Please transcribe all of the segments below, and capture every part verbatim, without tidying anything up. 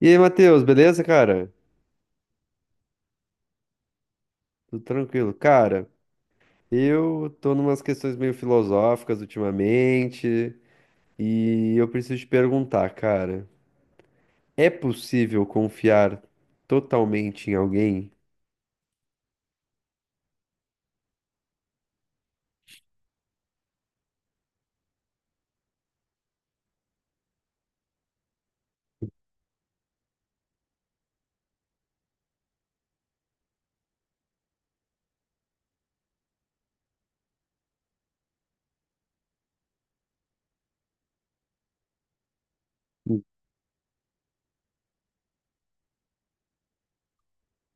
E aí, Matheus, beleza, cara? Tudo tranquilo. Cara, eu tô numas questões meio filosóficas ultimamente e eu preciso te perguntar, cara, é possível confiar totalmente em alguém?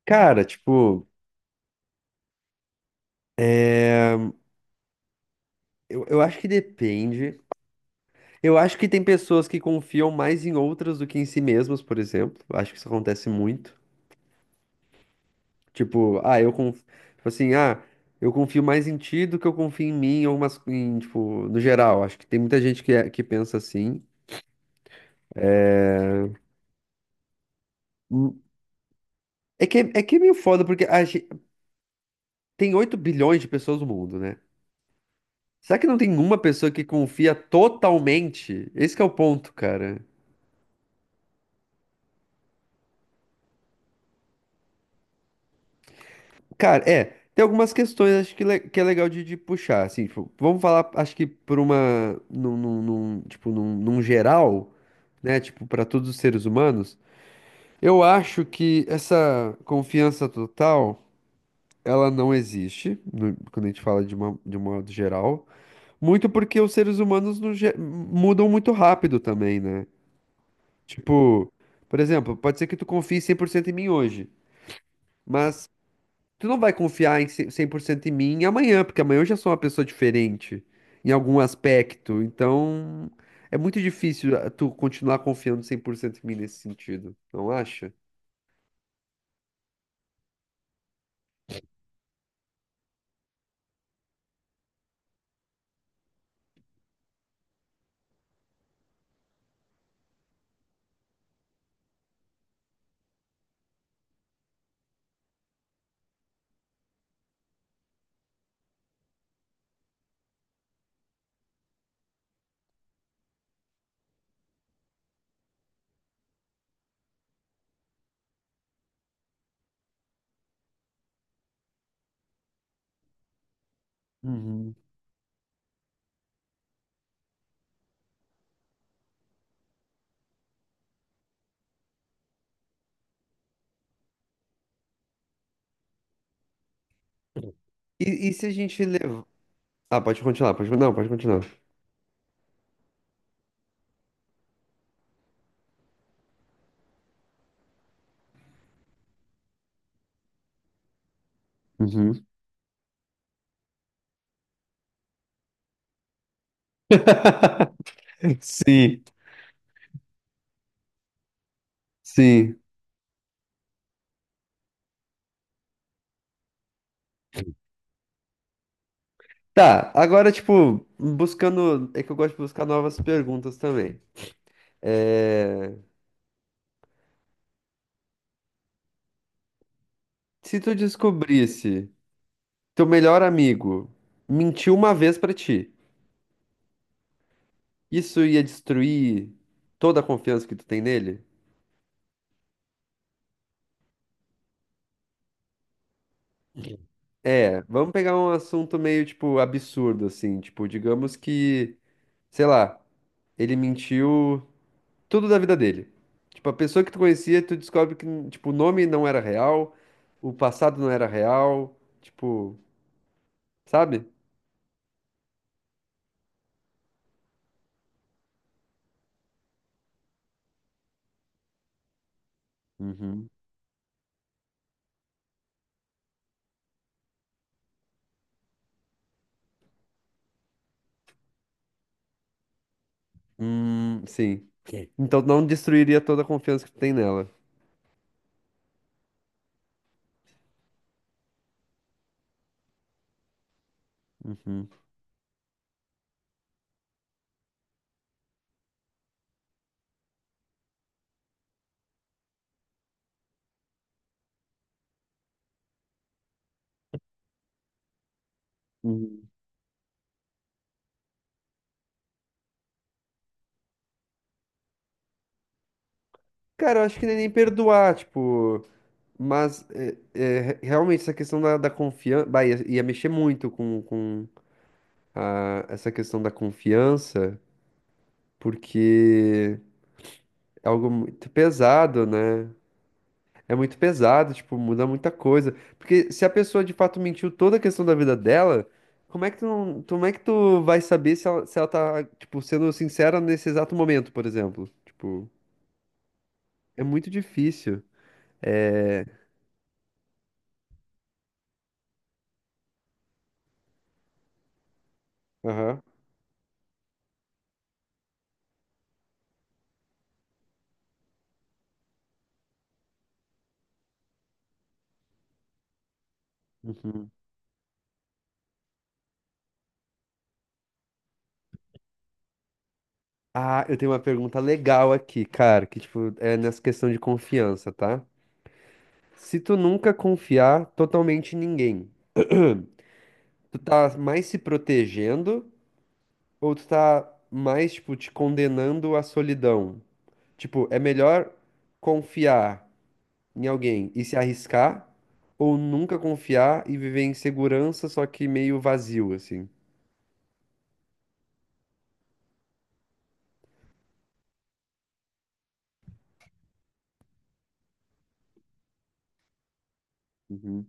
Cara, tipo, é... eu, eu acho que depende. Eu acho que tem pessoas que confiam mais em outras do que em si mesmas, por exemplo. Acho que isso acontece muito. Tipo, ah, eu confio tipo assim, ah, eu confio mais em ti do que eu confio em mim, ou umas... em, tipo, no geral. Acho que tem muita gente que, é- que pensa assim. Hum. É que é, é que é meio foda, porque a gen- tem oito bilhões de pessoas no mundo, né? Será que não tem uma pessoa que confia totalmente? Esse que é o ponto, cara. Cara, é, tem algumas questões acho que, le- que é legal de, de puxar, assim, tipo, vamos falar, acho que por uma, num, num, num- tipo, num, num geral, né, tipo, para todos os seres humanos. Eu acho que essa confiança total, ela não existe, no- quando a gente fala de uma, de um modo geral. Muito porque os seres humanos no ge- mudam muito rápido também, né? Tipo, por exemplo, pode ser que tu confie cem por cento em mim hoje, mas tu não vai confiar em cem por cento em mim amanhã, porque amanhã eu já sou uma pessoa diferente em algum aspecto. Então, é muito difícil ah, tu continuar confiando cem por cento em mim nesse sentido, não acha? Uhum. E, e se a gente levar. Ah, pode continuar, pode, não, pode continuar. Uhum. Sim, sim. Tá, agora, tipo, buscando. É que eu gosto de buscar novas perguntas também. É... Se tu descobrisse teu melhor amigo mentiu uma vez pra ti, isso ia destruir toda a confiança que tu tem nele? É, vamos pegar um assunto meio, tipo, absurdo, assim. Tipo, digamos que, sei lá, ele mentiu. tudo da vida dele. Tipo, a pessoa que tu conhecia, tu descobre que, tipo, o nome não era real, o passado não era real, tipo, sabe? Uhum. Hum, sim. Ok. Então não destruiria toda a confiança que tu tem nela. Uhum. Uhum. Cara, eu acho que nem nem perdoar, tipo, mas é, é, re- realmente essa questão da, da confiança, bah, ia, ia mexer muito com, com a- essa questão da confiança, porque é algo muito pesado, né? É muito pesado, tipo, muda muita coisa. Porque se a pessoa de fato mentiu toda a questão da vida dela, como é que tu não, como é que tu vai saber se ela, se ela tá, tipo, sendo sincera nesse exato momento, por exemplo? Tipo, é muito difícil. Aham. Uhum. Ah, eu tenho uma pergunta legal aqui, cara, que, tipo, é nessa questão de confiança, tá? Se tu nunca confiar totalmente em ninguém, tu tá mais se protegendo ou tu tá mais, tipo, te condenando à solidão? Tipo, é melhor confiar em alguém e se arriscar, ou nunca confiar e viver em segurança, só que meio vazio, assim. Uhum.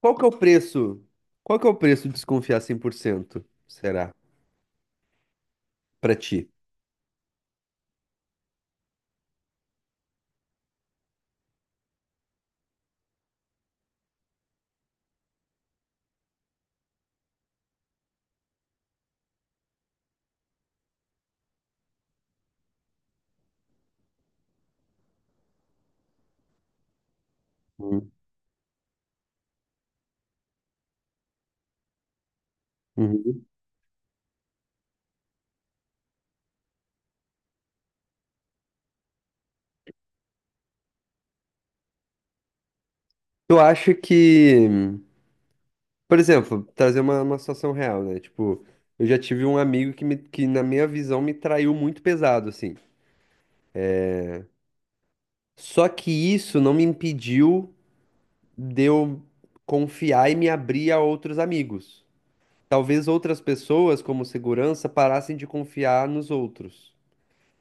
Qual que é o preço? Qual que é o preço de desconfiar cem por cento? Será, pra ti? Uhum. Uhum. Eu acho que, por exemplo, trazer uma, uma situação real, né? Tipo, eu já tive um amigo que, me, que, na minha visão, me traiu muito pesado, assim. Só que isso não me impediu de eu confiar e me abrir a outros amigos. Talvez outras pessoas, como segurança, parassem de confiar nos outros.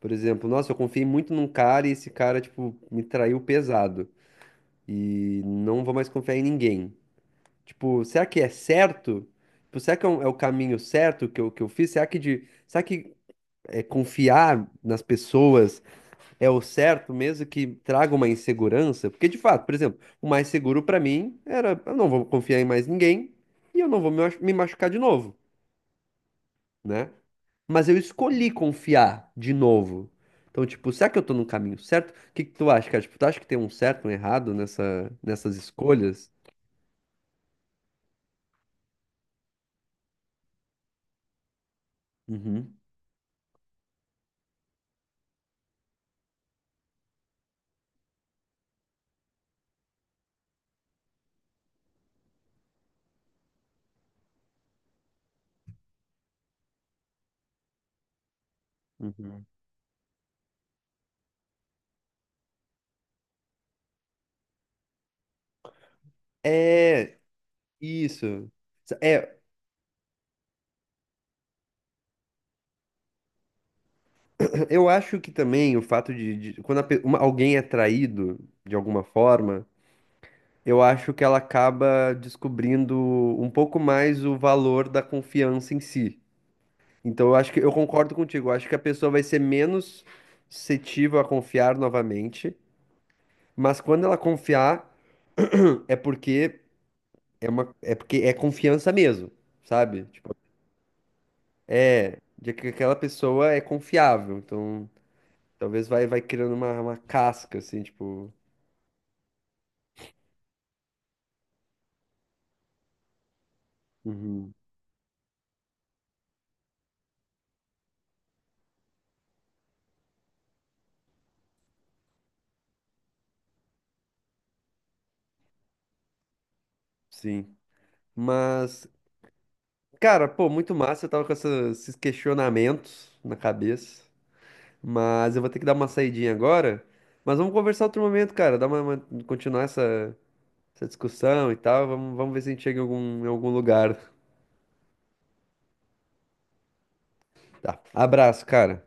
Por exemplo, nossa, eu confiei muito num cara e esse cara, tipo, me traiu pesado. E não vou mais confiar em ninguém. Tipo, será que é certo? Tipo, será que é, um- é o caminho certo que eu, que eu fiz? Será que, de, será que é, confiar nas pessoas é o certo, mesmo que traga uma insegurança, porque de fato, por exemplo, o mais seguro pra mim era eu não vou confiar em mais ninguém e eu não vou me machu- me machucar de novo, né? Mas eu escolhi confiar de novo. Então, tipo, será que eu tô no caminho certo? O que que tu acha, cara? Tipo, tu acha que tem um certo, um errado nessa, nessas escolhas? Uhum, uhum. É, isso. É, eu acho que também o fato de, de- quando a pe- uma- alguém é traído de alguma forma, eu acho que ela acaba descobrindo um pouco mais o valor da confiança em si. Então, eu acho que eu concordo contigo. Eu acho que a pessoa vai ser menos suscetível a confiar novamente, mas quando ela confiar, é porque é uma, é porque é confiança mesmo, sabe? Tipo, é, de que aquela pessoa é confiável. Então, talvez vai, vai criando uma, uma casca, assim, tipo. Uhum. Sim. Mas cara, pô, muito massa. Eu tava com essa- esses questionamentos na cabeça. Mas eu vou ter que dar uma saidinha agora. Mas vamos conversar outro momento, cara. Dar uma, uma- continuar essa, essa discussão e tal. Vamos, vamos ver se a gente chega em algum, em algum lugar. Tá. Abraço, cara.